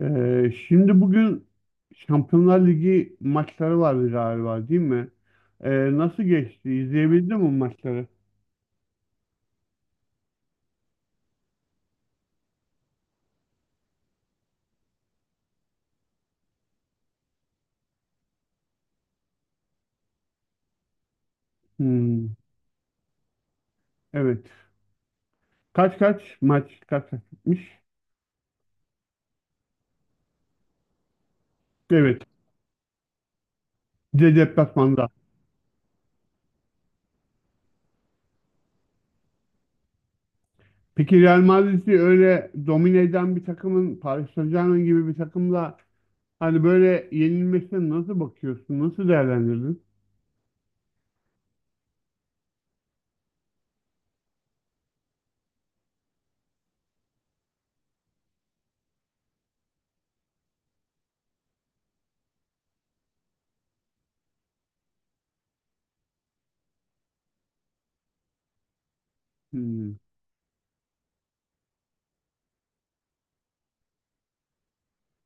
Şimdi bugün Şampiyonlar Ligi maçları vardı galiba değil mi? Nasıl geçti? İzleyebildin mi maçları? Hmm, evet. Kaç kaç maç kaç kaç bitmiş? Evet. Bir de deplasmanda. Peki Real Madrid'i öyle domine eden bir takımın Paris Saint-Germain gibi bir takımla hani böyle yenilmesine nasıl bakıyorsun? Nasıl değerlendirdin? Hmm,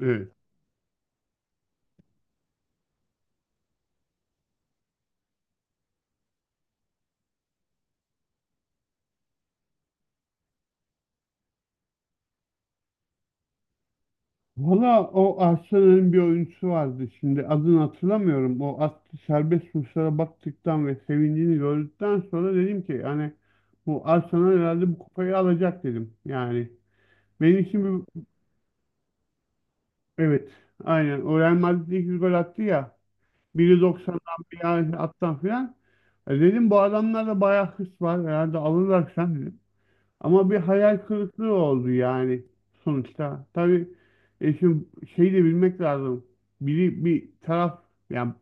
evet. Valla o Arsenal'in bir oyuncusu vardı, şimdi adını hatırlamıyorum. O attı serbest vuruşlara baktıktan ve sevincini gördükten sonra dedim ki, yani bu Arsenal herhalde bu kupayı alacak dedim. Yani benim için bir evet aynen o Real Madrid 200 gol attı ya, biri 90'dan bir attan filan. E dedim bu adamlarda bayağı hırs var, herhalde alırlar sen dedim. Ama bir hayal kırıklığı oldu yani sonuçta. Tabii şimdi şey de bilmek lazım. Biri bir taraf yani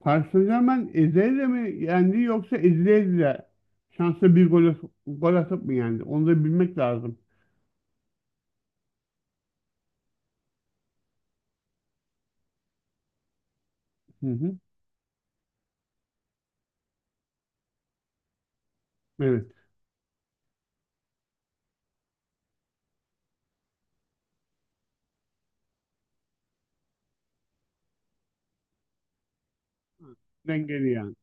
Paris Saint-Germain ezele mi yendi yoksa ezile ezile şansa bir gol, gol atıp mı yendi? Onu da bilmek lazım. Hı hı. Evet. Dengeli yani.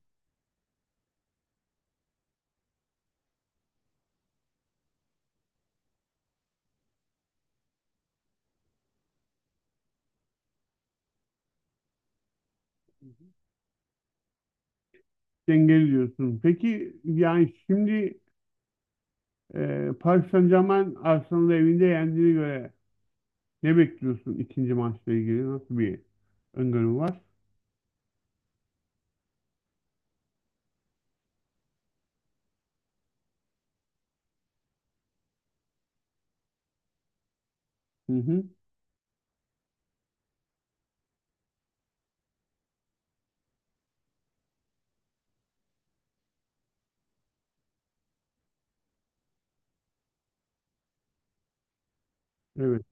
Hı hı. Dengeli diyorsun. Peki yani şimdi Paris Saint-Germain Arsenal'ı evinde yendiğine göre ne bekliyorsun ikinci maçla ilgili? Nasıl bir öngörün var? Hı hı. Evet.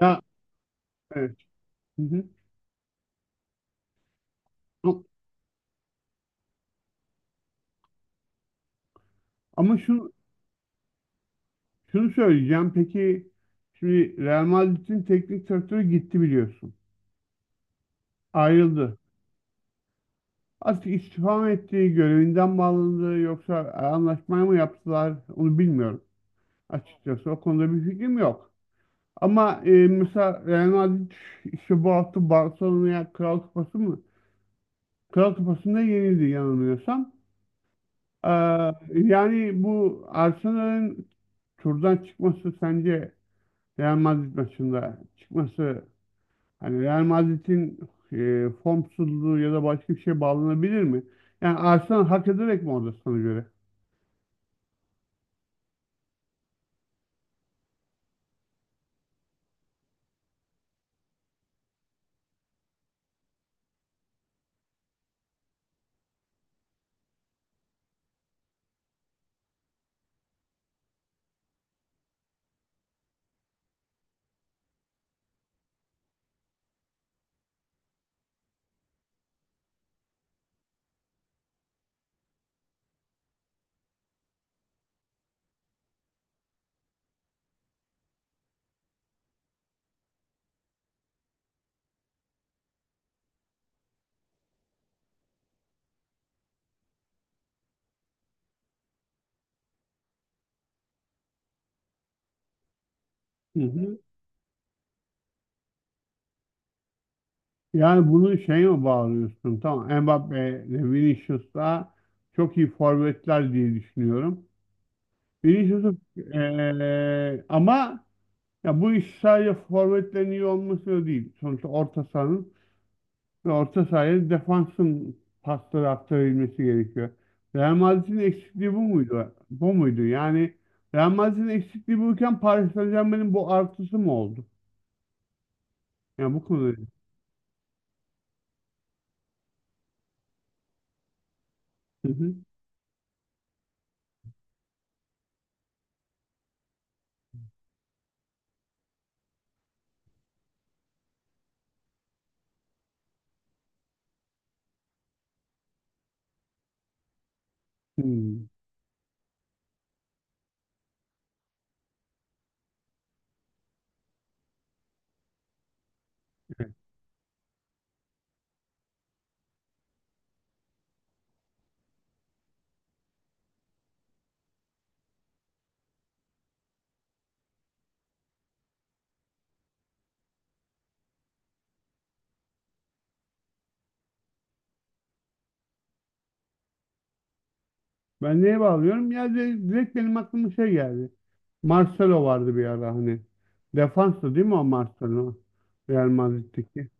Ya evet. Hı hı. Ama ama şunu, şunu söyleyeceğim. Peki şimdi Real Madrid'in teknik direktörü gitti biliyorsun. Ayrıldı. Artık istifa mı etti, görevinden mi yoksa anlaşmayı mı yaptılar onu bilmiyorum. Açıkçası o konuda bir fikrim yok. Ama mesela Real Madrid işte bu hafta Barcelona'ya Kral Kupası mı? Kral Kupası'nda yenildi yanılmıyorsam. Ee, yani bu Arsenal'ın turdan çıkması, sence Real Madrid maçında çıkması hani Real Madrid'in formsuzluğu ya da başka bir şeye bağlanabilir mi? Yani Arsenal hak ederek mi orada sana göre? Hı hı. Yani bunu şeye mi bağlıyorsun? Tamam, Mbappe ile Vinicius da çok iyi forvetler diye düşünüyorum. Vinicius'u e, ama ya bu iş sadece forvetlerin iyi olması da değil. Sonuçta orta sahanın ve orta sahaya defansın pasları aktarabilmesi gerekiyor. Real Madrid'in eksikliği bu muydu? Bu muydu? Yani Real Madrid'in eksikliği buyken Paris Saint-Germain'in bu artısı mı oldu? Yani bu konuda. Hı hı. Hmm. Evet. Ben neye bağlıyorum? Ya direkt benim aklıma şey geldi. Marcelo vardı bir ara hani. Defanstı değil mi o Marcelo? Real Madrid'deki.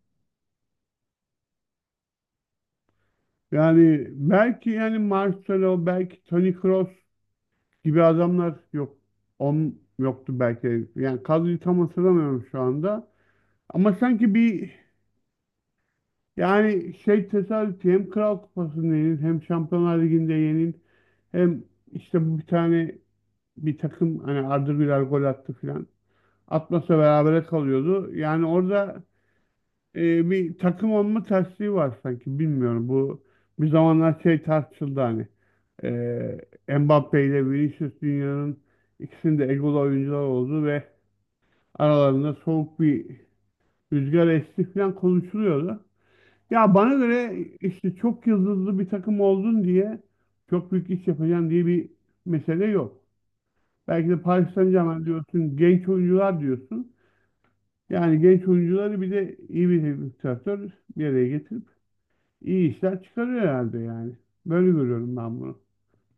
Yani belki yani Marcelo, belki Toni Kroos gibi adamlar yok. On yoktu belki. Yani kadroyu tam hatırlamıyorum şu anda. Ama sanki bir yani şey tesadüfi, hem Kral Kupası'nda yenil, hem Şampiyonlar Ligi'nde yenil, hem işte bu bir tane bir takım hani Arda Güler gol attı filan. Atmasa berabere kalıyordu. Yani orada bir takım olma tersliği var sanki. Bilmiyorum, bu bir zamanlar şey tartışıldı hani. Mbappe ile Vinicius dünyanın, İkisinin de egolu oyuncular oldu ve aralarında soğuk bir rüzgar esti falan konuşuluyordu. Ya bana göre işte çok yıldızlı bir takım oldun diye çok büyük iş yapacaksın diye bir mesele yok. Belki de Paris Saint-Germain diyorsun, genç oyuncular diyorsun. Yani genç oyuncuları bir de iyi bir teknik direktör bir araya getirip iyi işler çıkarıyor herhalde yani. Böyle görüyorum ben bunu.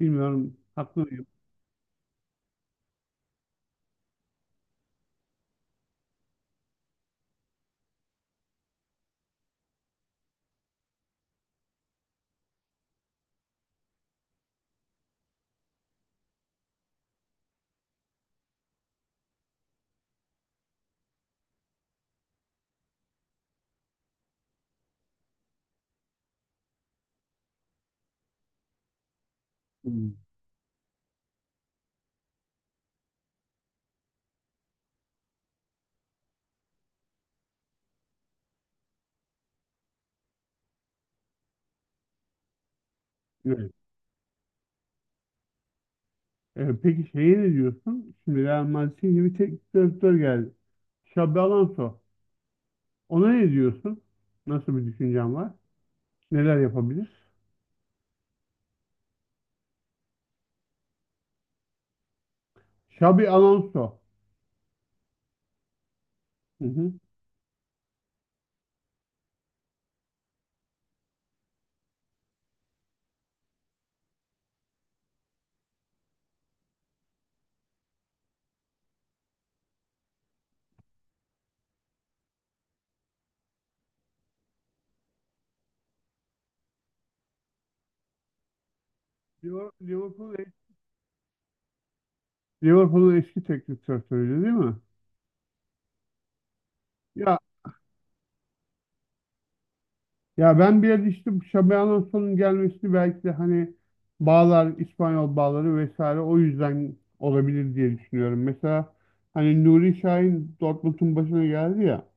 Bilmiyorum, haklı mıyım? Hmm, evet. Peki şeye ne diyorsun? Şimdi Real Madrid'e yeni bir teknik direktör geldi. Xabi Alonso. Ona ne diyorsun? Nasıl bir düşüncen var? Neler yapabilir? Xabi Alonso. Hı hı. Liverpool'un, Liverpool'un eski teknik direktörüydü değil mi? Ya ya ben bir yerde işte bu Xabi Alonso'nun gelmesini belki de hani bağlar, İspanyol bağları vesaire o yüzden olabilir diye düşünüyorum. Mesela hani Nuri Şahin Dortmund'un başına geldi ya.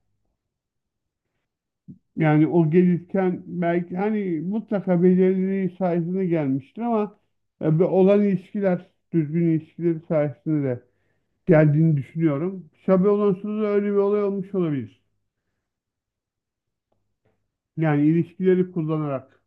Yani o gelirken belki hani mutlaka belirliliği sayesinde gelmiştir ama bu olan ilişkiler, düzgün ilişkileri sayesinde de geldiğini düşünüyorum. Şabe Alonso'da da öyle bir olay olmuş olabilir. Yani ilişkileri kullanarak.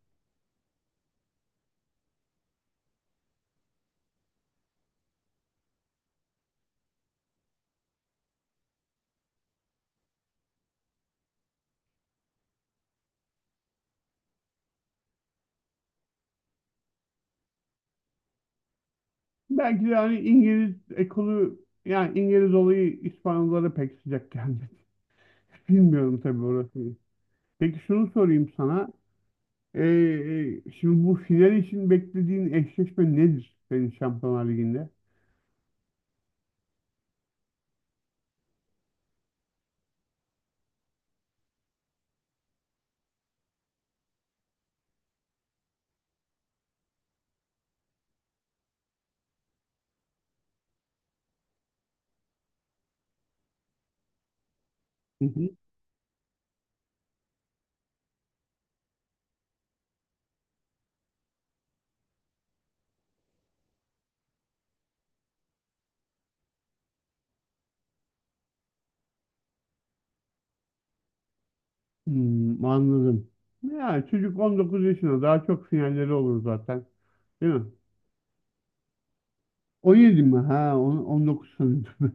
Belki de hani İngiliz ekolü, yani İngiliz olayı İspanyollara pek sıcak gelmedi. Bilmiyorum tabii orasını. Peki şunu sorayım sana. Şimdi bu final için beklediğin eşleşme nedir senin Şampiyonlar Ligi'nde? Hmm, anladım. Ya çocuk 19 yaşında, daha çok sinyalleri olur zaten. Değil mi? 17 mi? Ha 19 sanırım.